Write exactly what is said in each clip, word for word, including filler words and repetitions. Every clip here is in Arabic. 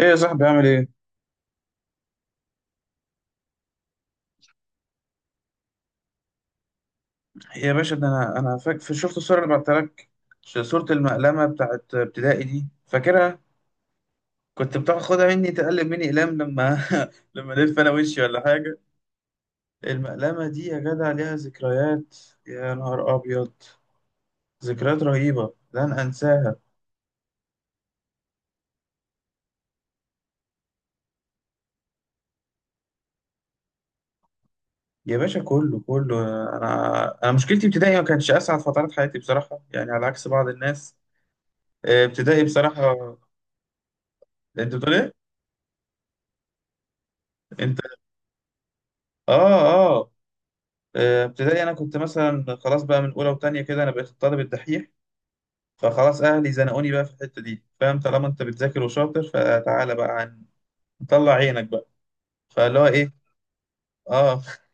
ايه يا صاحبي، عامل ايه؟ يا باشا، ده انا انا فاك... في- شفت الصوره اللي بعتها لك. ش- صوره المقلمه بتاعت ابتدائي دي، فاكرها؟ كنت بتاخدها مني، تقلب مني اقلام لما لما الف انا وشي ولا حاجه. المقلمه دي يا جدع ليها ذكريات. يا نهار ابيض! ذكريات رهيبه لن انساها. يا باشا، كله كله. انا انا مشكلتي ابتدائي ما كانتش اسعد فترات حياتي بصراحه، يعني على عكس بعض الناس. آه، ابتدائي بصراحه. انت بتقول ايه؟ انت. اه اه. آه، ابتدائي انا كنت مثلا خلاص بقى من اولى وتانية كده، انا بقيت الطالب الدحيح. فخلاص اهلي زنقوني بقى في الحته دي، فاهم؟ طالما انت بتذاكر وشاطر، فتعالى بقى عن، طلع عينك بقى. فاللي هو ايه. اه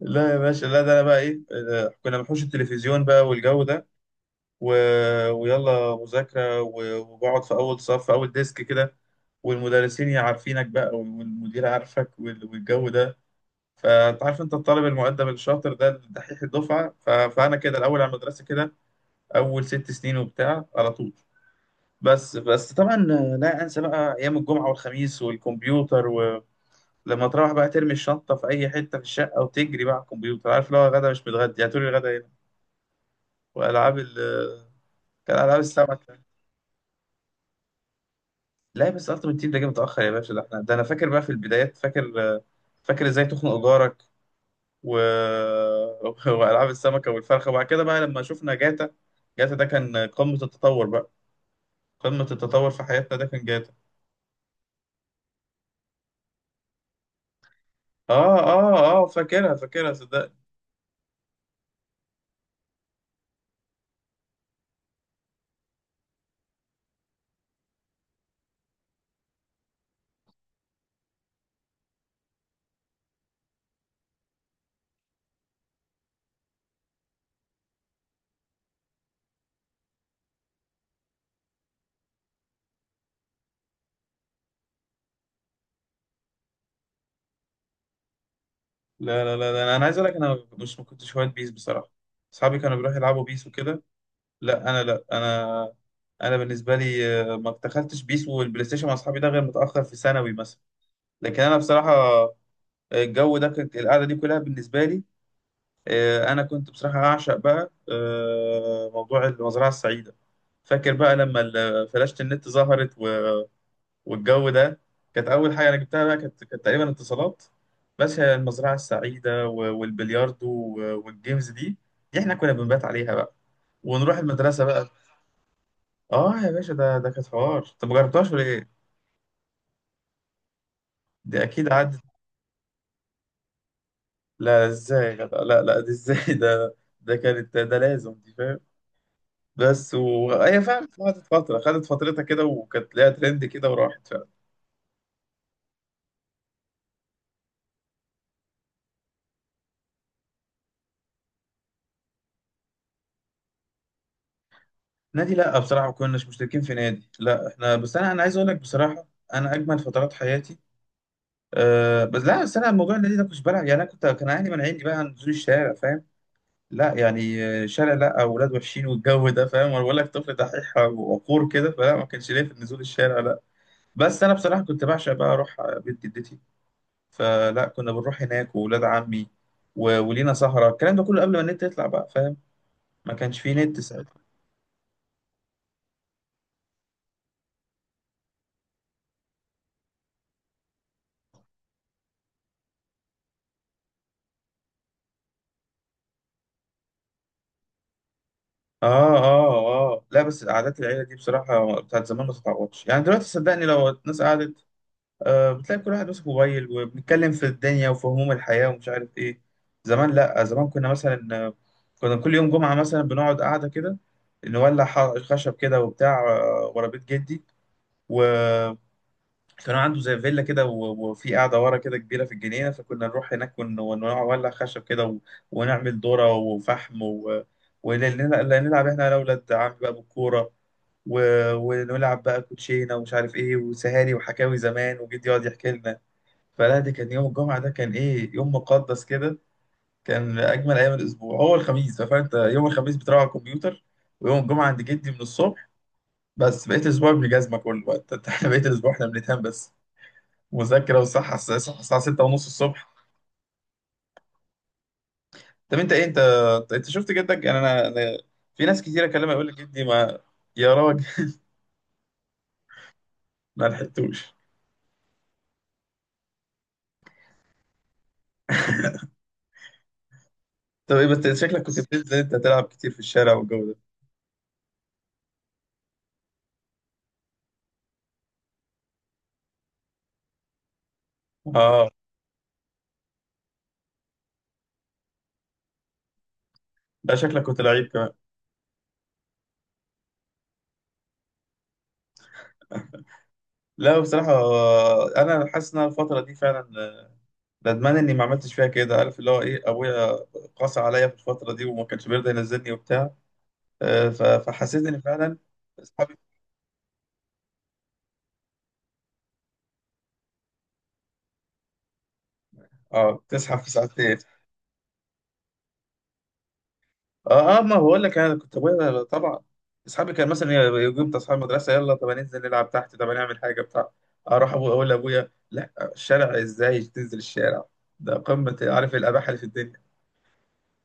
لا يا باشا لا، ده انا بقى ايه، آه، كنا بنحوش التلفزيون بقى والجو ده، و... ويلا مذاكره و... وبقعد في اول صف، في اول ديسك كده. والمدرسين يا عارفينك بقى، والمدير عارفك، وال- والجو ده. فانت عارف انت الطالب المؤدب الشاطر ده، الدحيح الدفعه، ف... فانا كده الاول على المدرسه كده، اول ست سنين وبتاع على طول. بس بس طبعا لا انسى بقى ايام الجمعه والخميس والكمبيوتر، ولما تروح بقى ترمي الشنطه في اي حته في الشقه، وتجري بقى على الكمبيوتر. عارف، لو غدا مش متغدي هاتولي الغدا هنا. والعاب ال، كان العاب السمك. لا بس التيمت تيم ده جه متاخر يا باشا، ده احنا، ده انا فاكر بقى في البدايات، فاكر. فاكر ازاي تخنق جارك و... والعاب السمكه والفرخه، وبعد كده بقى لما شفنا جاتا. جاتا ده كان قمه التطور بقى، قمه التطور في حياتنا، ده كان. اه اه اه، فاكرها فاكرها صدق. لا لا لا لا، انا عايز اقول لك انا مش، ما كنتش هواة بيس بصراحه. اصحابي كانوا بيروحوا يلعبوا بيس وكده. لا انا لا انا. انا بالنسبه لي، آه، ما دخلتش بيس والبلاي ستيشن مع اصحابي ده غير متاخر في ثانوي مثلا. لكن انا بصراحه، آه، الجو ده كانت القعده دي كلها بالنسبه لي، آه، انا كنت بصراحه اعشق بقى، آه، موضوع المزرعه السعيده. فاكر بقى لما ال- فلاشة النت ظهرت والجو ده. كانت اول حاجه انا جبتها بقى، كانت كانت تقريبا اتصالات. بس هي المزرعه السعيده و- والبلياردو و- والجيمز دي. دي احنا كنا بنبات عليها بقى، ونروح المدرسه بقى. اه يا باشا، ده ده كانت حوار. انت ما جربتهاش ولا ايه؟ دي اكيد عدت. لا ازاي؟ لا لا, لا دي ازاي؟ ده، ده كانت ده لازم دي، فاهم؟ بس وهي فعلا خدت فتره، خدت فترتها كده، وكانت ليها ترند كده، وراحت فعلا. نادي؟ لا بصراحه، ما كناش مشتركين في نادي، لا احنا بس، انا انا عايز اقول لك بصراحه انا اجمل فترات حياتي. أه بس لا، بس انا الموضوع النادي ده كنتش بلعب يعني، انا كنت، كان اهلي مانعيني بقى عن نزول الشارع، فاهم؟ لا يعني، آه، شارع لا، اولاد وحشين والجو ده، فاهم؟ وانا بقول لك طفل دحيح وقور كده، فلا ما كانش ليا في نزول الشارع، لا. بس انا بصراحه كنت بعشق بقى اروح بيت جدتي، فلا كنا بنروح هناك، واولاد عمي، و- ولينا سهره، الكلام ده كله قبل ما النت يطلع بقى، فاهم؟ ما كانش فيه نت ساعتها. اه اه اه، لا بس قعدات العيله دي بصراحه بتاعت زمان ما تتعوضش. يعني دلوقتي صدقني، لو الناس قعدت، آه، بتلاقي كل واحد ماسك موبايل، وبنتكلم في الدنيا وفي هموم الحياة ومش عارف إيه. زمان لأ، زمان كنا مثلا، آه، كنا كل يوم جمعة مثلا بنقعد قاعدة كده، نولع ح- خشب كده وبتاع، آه، ورا بيت جدي. وكانوا عنده زي فيلا كده، و- وفي قاعدة ورا كده كبيرة في الجنينة، فكنا نروح هناك ون- ونولع خشب كده و... ونعمل ذرة وفحم و... ونلعب إحنا، أنا وأولاد عمي بقى، بالكورة و... ونلعب بقى كوتشينة ومش عارف إيه، وسهاري وحكاوي زمان وجدي يقعد يحكي لنا. فلا دي كان يوم الجمعة ده كان إيه، يوم مقدس كده. كان أجمل أيام الأسبوع هو الخميس، فأنت يوم الخميس بتروح على الكمبيوتر، ويوم الجمعة عند جدي من الصبح. بس بقيت الأسبوع ابن جزمة كله بقى أنت أنت- إحنا بقيت الأسبوع إحنا بنتهان بس مذاكرة، والصحة الس- الصحة الساعة ستة ونص الصبح. طب أنت إيه، أنت أنت أنت شفت جدك؟ يعني أنا أنا في ناس كتير أكلمها يقول لك جدي ما، يا راجل. ما لحقتوش. طب إيه بس، شكلك كنت بتنزل أنت تلعب كتير في الشارع والجو ده. آه. لا شكلك كنت لعيب كمان. لا بصراحة، آه، أنا حاسس إن أنا الفترة دي فعلا ندمان اني ما عملتش فيها كده. عارف اللي هو ايه، ابويا قاسى عليا في الفتره دي وما كانش بيرضى ينزلني وبتاع، آه، ف- فحسيت ان فعلا اصحابي. اه بتصحى في ساعتين. اه اه، ما بقول لك انا كنت ابويا طبعا. اصحابي كان مثلا يجيب اصحاب المدرسه، يلا طب هننزل نلعب تحت، طب هنعمل حاجه بتاع. اروح ابويا اقول لابويا، لا الشارع، ازاي تنزل الشارع؟ ده قمه، عارف، الاباحه اللي في الدنيا.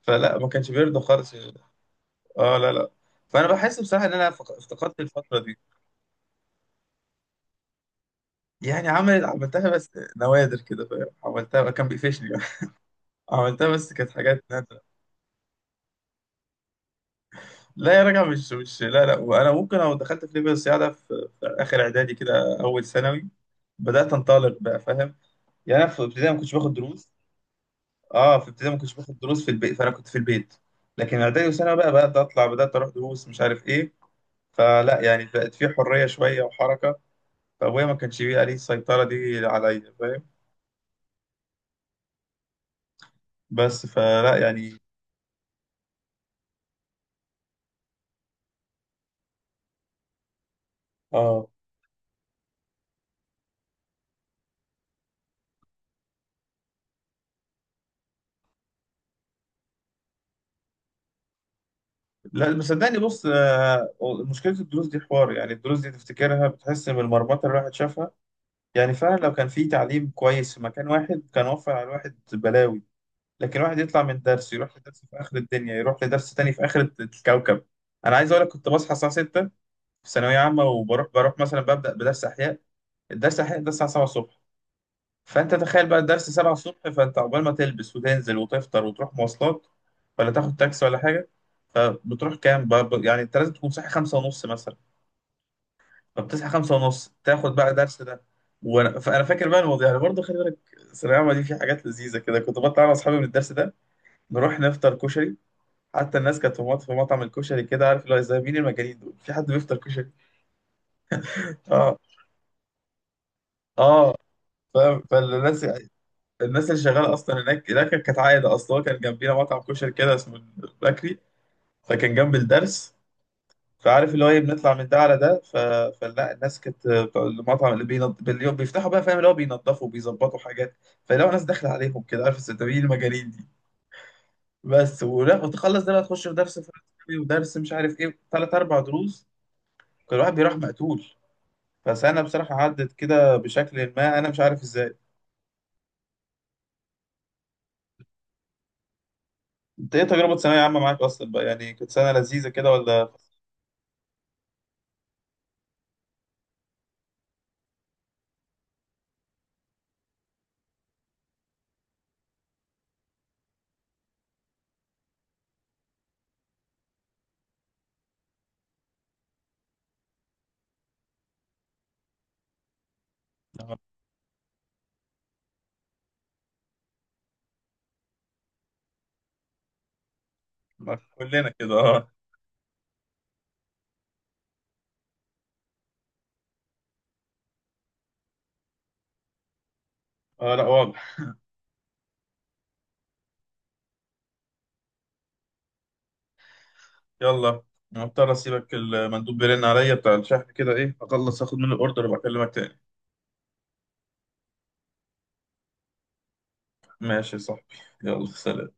فلا ما كانش بيرضى خالص. اه لا لا. فانا بحس بصراحه ان انا فق- افتقدت الفتره دي. يعني عملت عملتها بس نوادر كده، فاهم؟ عملتها كان بيقفشني. عملتها بس كانت حاجات نادرة. لا يا راجل، مش مش لا لا. وانا ممكن لو دخلت في ليفل الصياعة ده في, في اخر اعدادي كده، اول ثانوي، بدات انطلق بقى، فاهم؟ يعني انا في ابتدائي ما كنتش باخد دروس. اه في ابتدائي ما كنتش باخد دروس في البيت، فانا كنت في البيت. لكن اعدادي وثانوي بقى بدات اطلع، بدات اروح دروس مش عارف ايه. فلا يعني بقت في حريه شويه وحركه. فابويا ما كانش بيبقى ليه السيطره دي عليا، فاهم؟ بس فلا يعني. اه لا مصدقني، بص، آه، مشكلة الدروس دي حوار. يعني الدروس دي تفتكرها بتحس من المرمطة اللي الواحد شافها، يعني فعلا لو كان في تعليم كويس في مكان واحد كان وفر على الواحد بلاوي. لكن الواحد يطلع من درس يروح لدرس في آخر الدنيا، يروح لدرس تاني في آخر الكوكب. أنا عايز أقول لك كنت بصحى الساعة ستة في ثانوية عامة، وبروح، بروح مثلا ببدأ بدرس أحياء. الدرس أحياء ده الساعة سبعة الصبح، فانت تخيل بقى الدرس السابعة الصبح، فانت عقبال ما تلبس وتنزل وتفطر وتروح مواصلات، ولا تاخد تاكسي ولا حاجه. فبتروح كام بقى، ب-، يعني انت لازم تكون صاحي خمسة ونص مثلا. فبتصحى خمسة ونص تاخد بقى درس ده. وانا، فانا فاكر بقى الموضوع يعني برضه. خلي بالك الثانويه العامه دي في حاجات لذيذه كده، كنت بطلع انا واصحابي من الدرس ده، نروح نفطر كشري. حتى الناس كانت في مط- في مطعم الكشري كده، عارف اللي هو زي مين، المجانين دول في حد بيفطر كشري؟ اه اه، فاهم؟ فالناس، الناس اللي شغاله اصلا هناك هناك كانت عايده اصلا. هو كان جنبينا مطعم كشري كده اسمه بكري، فكان جنب الدرس. فعارف اللي هو ايه، بنطلع من ده على ده، ف... فلا الناس كانت بتوع المطعم اللي بينض... باليوم بيفتحوا بقى، فاهم؟ اللي هو بينضفوا وبيظبطوا حاجات. فلو ناس داخله عليهم كده، عارف الستاويين المجانين دي. بس، ولا وتخلص ده، لا تخش في درس فرنسي ودرس مش عارف ايه، ثلاث اربع دروس. كل واحد بيروح مقتول. فسنه بصراحه عدت كده بشكل، ما انا مش عارف ازاي. انت ايه، تجربه ثانويه عامه معاك اصلا بقى، يعني كانت سنه لذيذه كده ولا؟ ما كلنا كده. اه اه لا واضح. يلا، أنا مضطر اسيبك، المندوب بيرن عليا بتاع الشحن كده، ايه اخلص اخد منه الاوردر وبكلمك تاني. ماشي يا صاحبي، يلا سلام.